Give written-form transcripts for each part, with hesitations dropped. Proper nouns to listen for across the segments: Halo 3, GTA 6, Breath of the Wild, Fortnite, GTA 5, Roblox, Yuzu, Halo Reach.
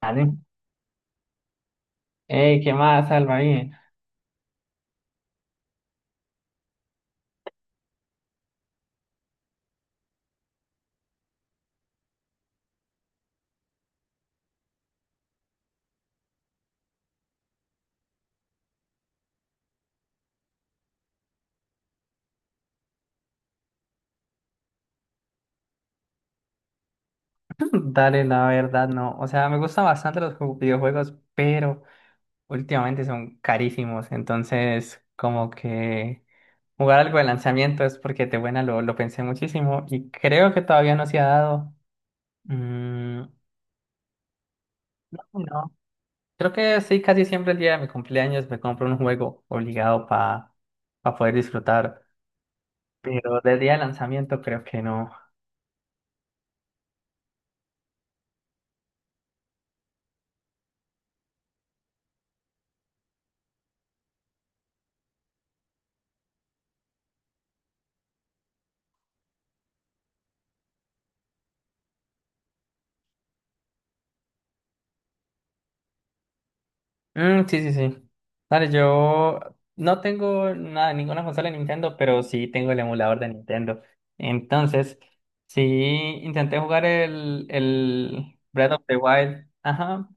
Dale. Ey, ¿qué más, Alba? ¿Ahí? Dale, la verdad, no. O sea, me gustan bastante los videojuegos, pero últimamente son carísimos. Entonces, como que jugar algo de lanzamiento es porque te buena, lo pensé muchísimo y creo que todavía no se ha dado. Mm, no. Creo que sí, casi siempre el día de mi cumpleaños me compro un juego obligado para poder disfrutar. Pero del día de lanzamiento creo que no. Mm, sí, sí, sí. Dale, yo no tengo nada, ninguna consola de Nintendo, pero sí tengo el emulador de Nintendo. Entonces, sí intenté jugar el Breath of the Wild, ajá,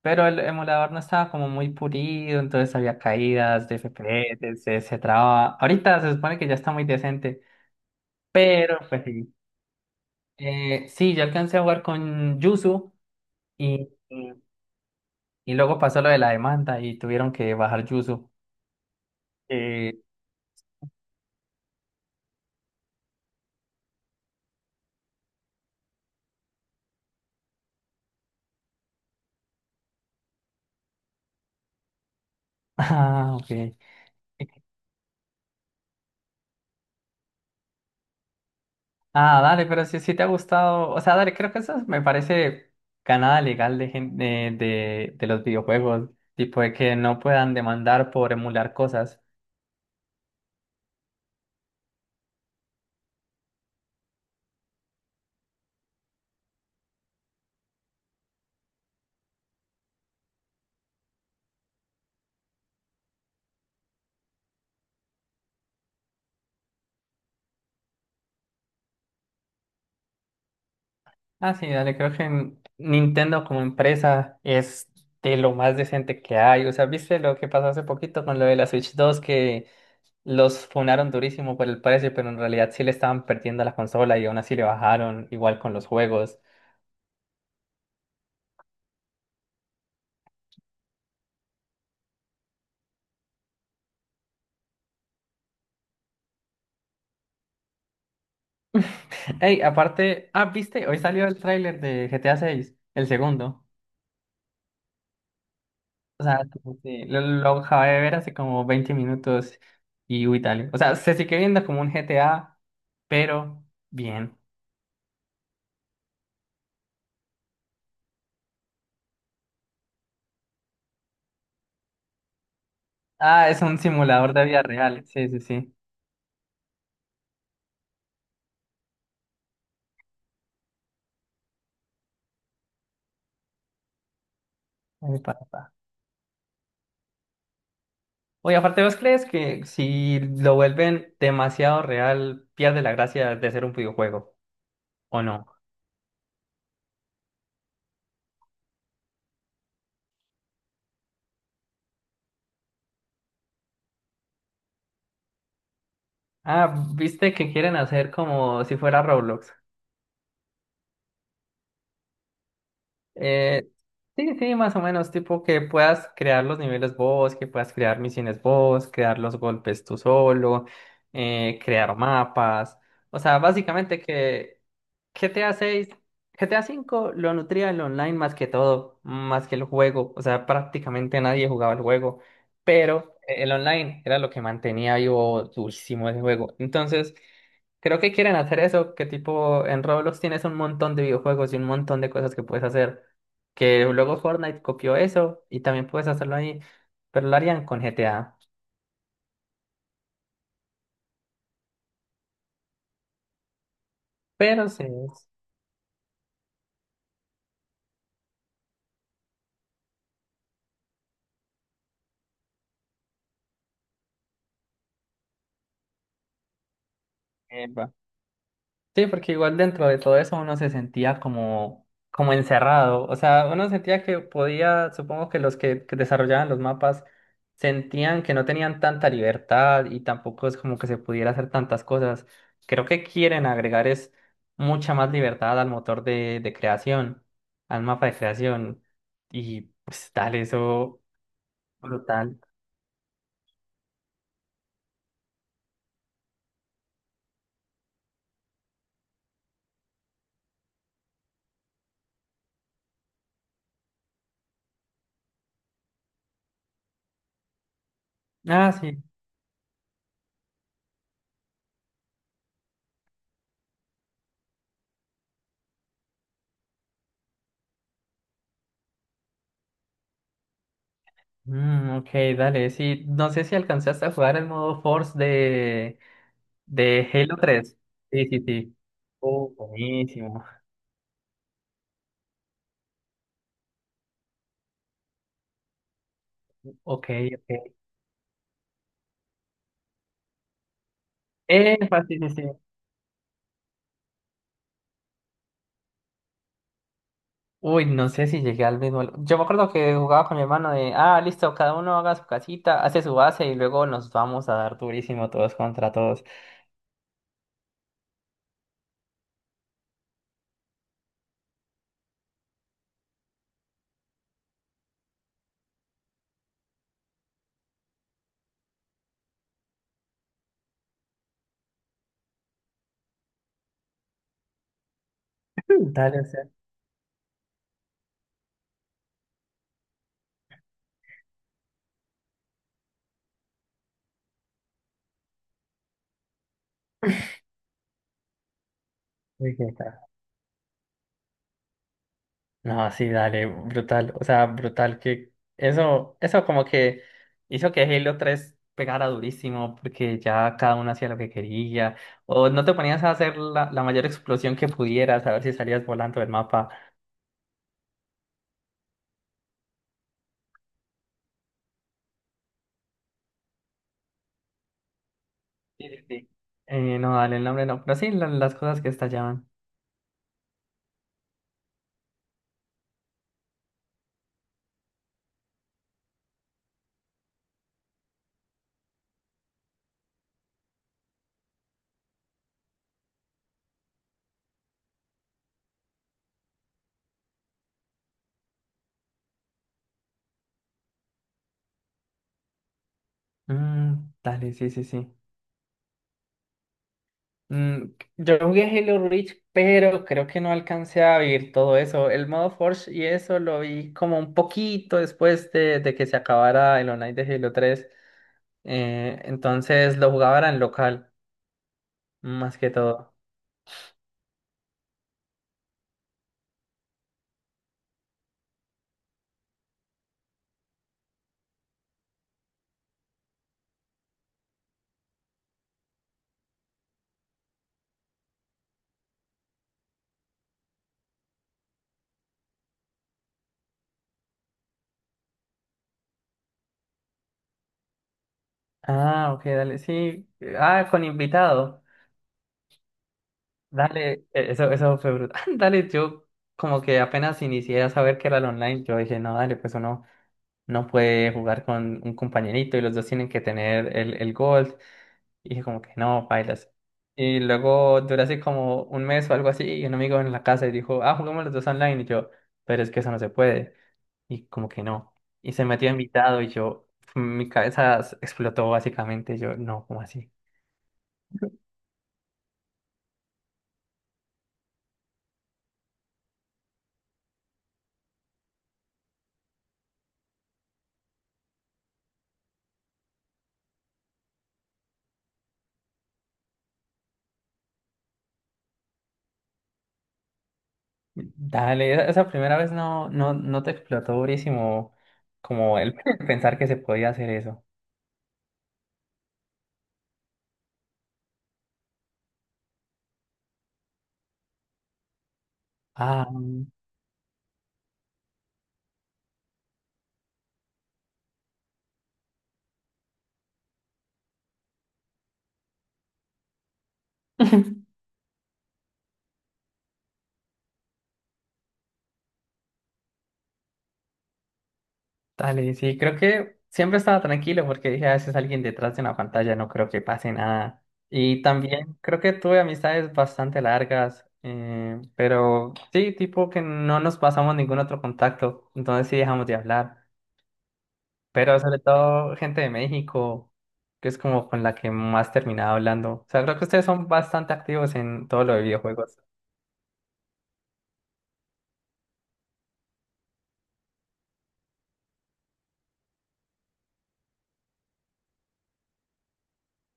pero el emulador no estaba como muy pulido, entonces había caídas de FPS, se traba. Ahorita se supone que ya está muy decente, pero pues sí. Sí, yo alcancé a jugar con Yuzu y luego pasó lo de la demanda y tuvieron que bajar Yuzu, eh, ah, ok. Ah, dale, pero si te ha gustado, o sea, dale, creo que eso me parece ganada legal de, de los videojuegos, tipo de que no puedan demandar por emular cosas. Ah, sí, dale, creo que Nintendo como empresa es de lo más decente que hay. O sea, ¿viste lo que pasó hace poquito con lo de la Switch dos, que los funaron durísimo por el precio, pero en realidad sí le estaban perdiendo la consola y aún así le bajaron, igual con los juegos? Ey, aparte, ah, viste, hoy salió el tráiler de GTA 6, el segundo. O sea, como que lo acabé de ver hace como 20 minutos y uy, dale. O sea, se sigue viendo como un GTA, pero bien. Ah, es un simulador de vida real. Sí, sí, sí. Ay, pa, pa. Oye, aparte, ¿vos crees que si lo vuelven demasiado real, pierde la gracia de ser un videojuego? ¿O no? Ah, viste que quieren hacer como si fuera Roblox. Eh, sí, sí, más o menos, tipo que puedas crear los niveles vos, que puedas crear misiones vos, crear los golpes tú solo, crear mapas. O sea, básicamente que GTA 6, GTA 5 lo nutría el online más que todo, más que el juego. O sea, prácticamente nadie jugaba el juego, pero el online era lo que mantenía vivo durísimo ese juego. Entonces... Creo que quieren hacer eso, que tipo en Roblox tienes un montón de videojuegos y un montón de cosas que puedes hacer, que luego Fortnite copió eso y también puedes hacerlo ahí, pero lo harían con GTA. Pero sí. Epa. Sí, porque igual dentro de todo eso uno se sentía como, como encerrado. O sea, uno sentía que podía, supongo que que desarrollaban los mapas sentían que no tenían tanta libertad y tampoco es como que se pudiera hacer tantas cosas. Creo que quieren agregar es mucha más libertad al motor de creación, al mapa de creación. Y pues, tal, eso brutal. Ah, sí. Mm, ok, dale. Sí, no sé si alcanzaste a jugar el modo Force de Halo tres. Sí, sí, sí. Oh, buenísimo. Ok, ok. Fácil, sí, sí, sí. Uy, no sé si llegué al mismo. Yo me acuerdo que jugaba con mi hermano de, ah, listo, cada uno haga su casita, hace su base y luego nos vamos a dar durísimo todos contra todos. Mm, dale, o sea. Uy, qué. No, sí, dale, brutal. O sea, brutal que eso como que hizo que Halo tres pegara durísimo porque ya cada uno hacía lo que quería. O no, te ponías a hacer la mayor explosión que pudieras, a ver si salías volando del mapa. Sí, sí, sí. No, dale, el nombre no. Pero sí, las cosas que estallaban. Mm, dale, sí, sí, sí. Mm, yo jugué Halo Reach, pero creo que no alcancé a vivir todo eso. El modo Forge y eso lo vi como un poquito después de que se acabara el online de Halo tres. Entonces lo jugaba era en local, más que todo. Ah, ok, dale, sí. Ah, con invitado. Dale, eso, eso fue brutal. Dale, yo como que apenas inicié a saber que era el online, yo dije, no, dale, pues uno no puede jugar con un compañerito y los dos tienen que tener el gold. Y dije como que no, bailas. Y luego duró así como un mes o algo así y un amigo en la casa y dijo, ah, jugamos los dos online. Y yo, pero es que eso no se puede. Y como que no. Y se metió invitado y yo, mi cabeza explotó básicamente. Yo, no, ¿cómo así? Dale, esa primera vez no, no, no te explotó durísimo como el pensar que se podía hacer eso. Ah, dale, sí, creo que siempre estaba tranquilo porque dije, a veces alguien detrás de una pantalla no creo que pase nada. Y también creo que tuve amistades bastante largas, pero sí, tipo que no nos pasamos ningún otro contacto, entonces sí dejamos de hablar. Pero sobre todo gente de México, que es como con la que más terminaba hablando. O sea, creo que ustedes son bastante activos en todo lo de videojuegos.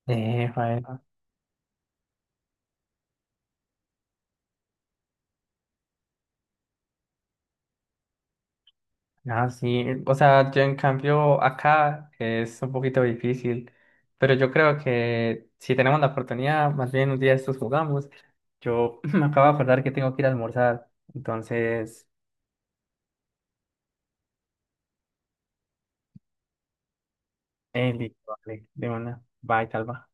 Joder. Ah, sí, o sea, yo en cambio acá es un poquito difícil, pero yo creo que si tenemos la oportunidad, más bien un día de estos jugamos. Yo me acabo de acordar que tengo que ir a almorzar, entonces, listo, vale, de una, bye, Calva.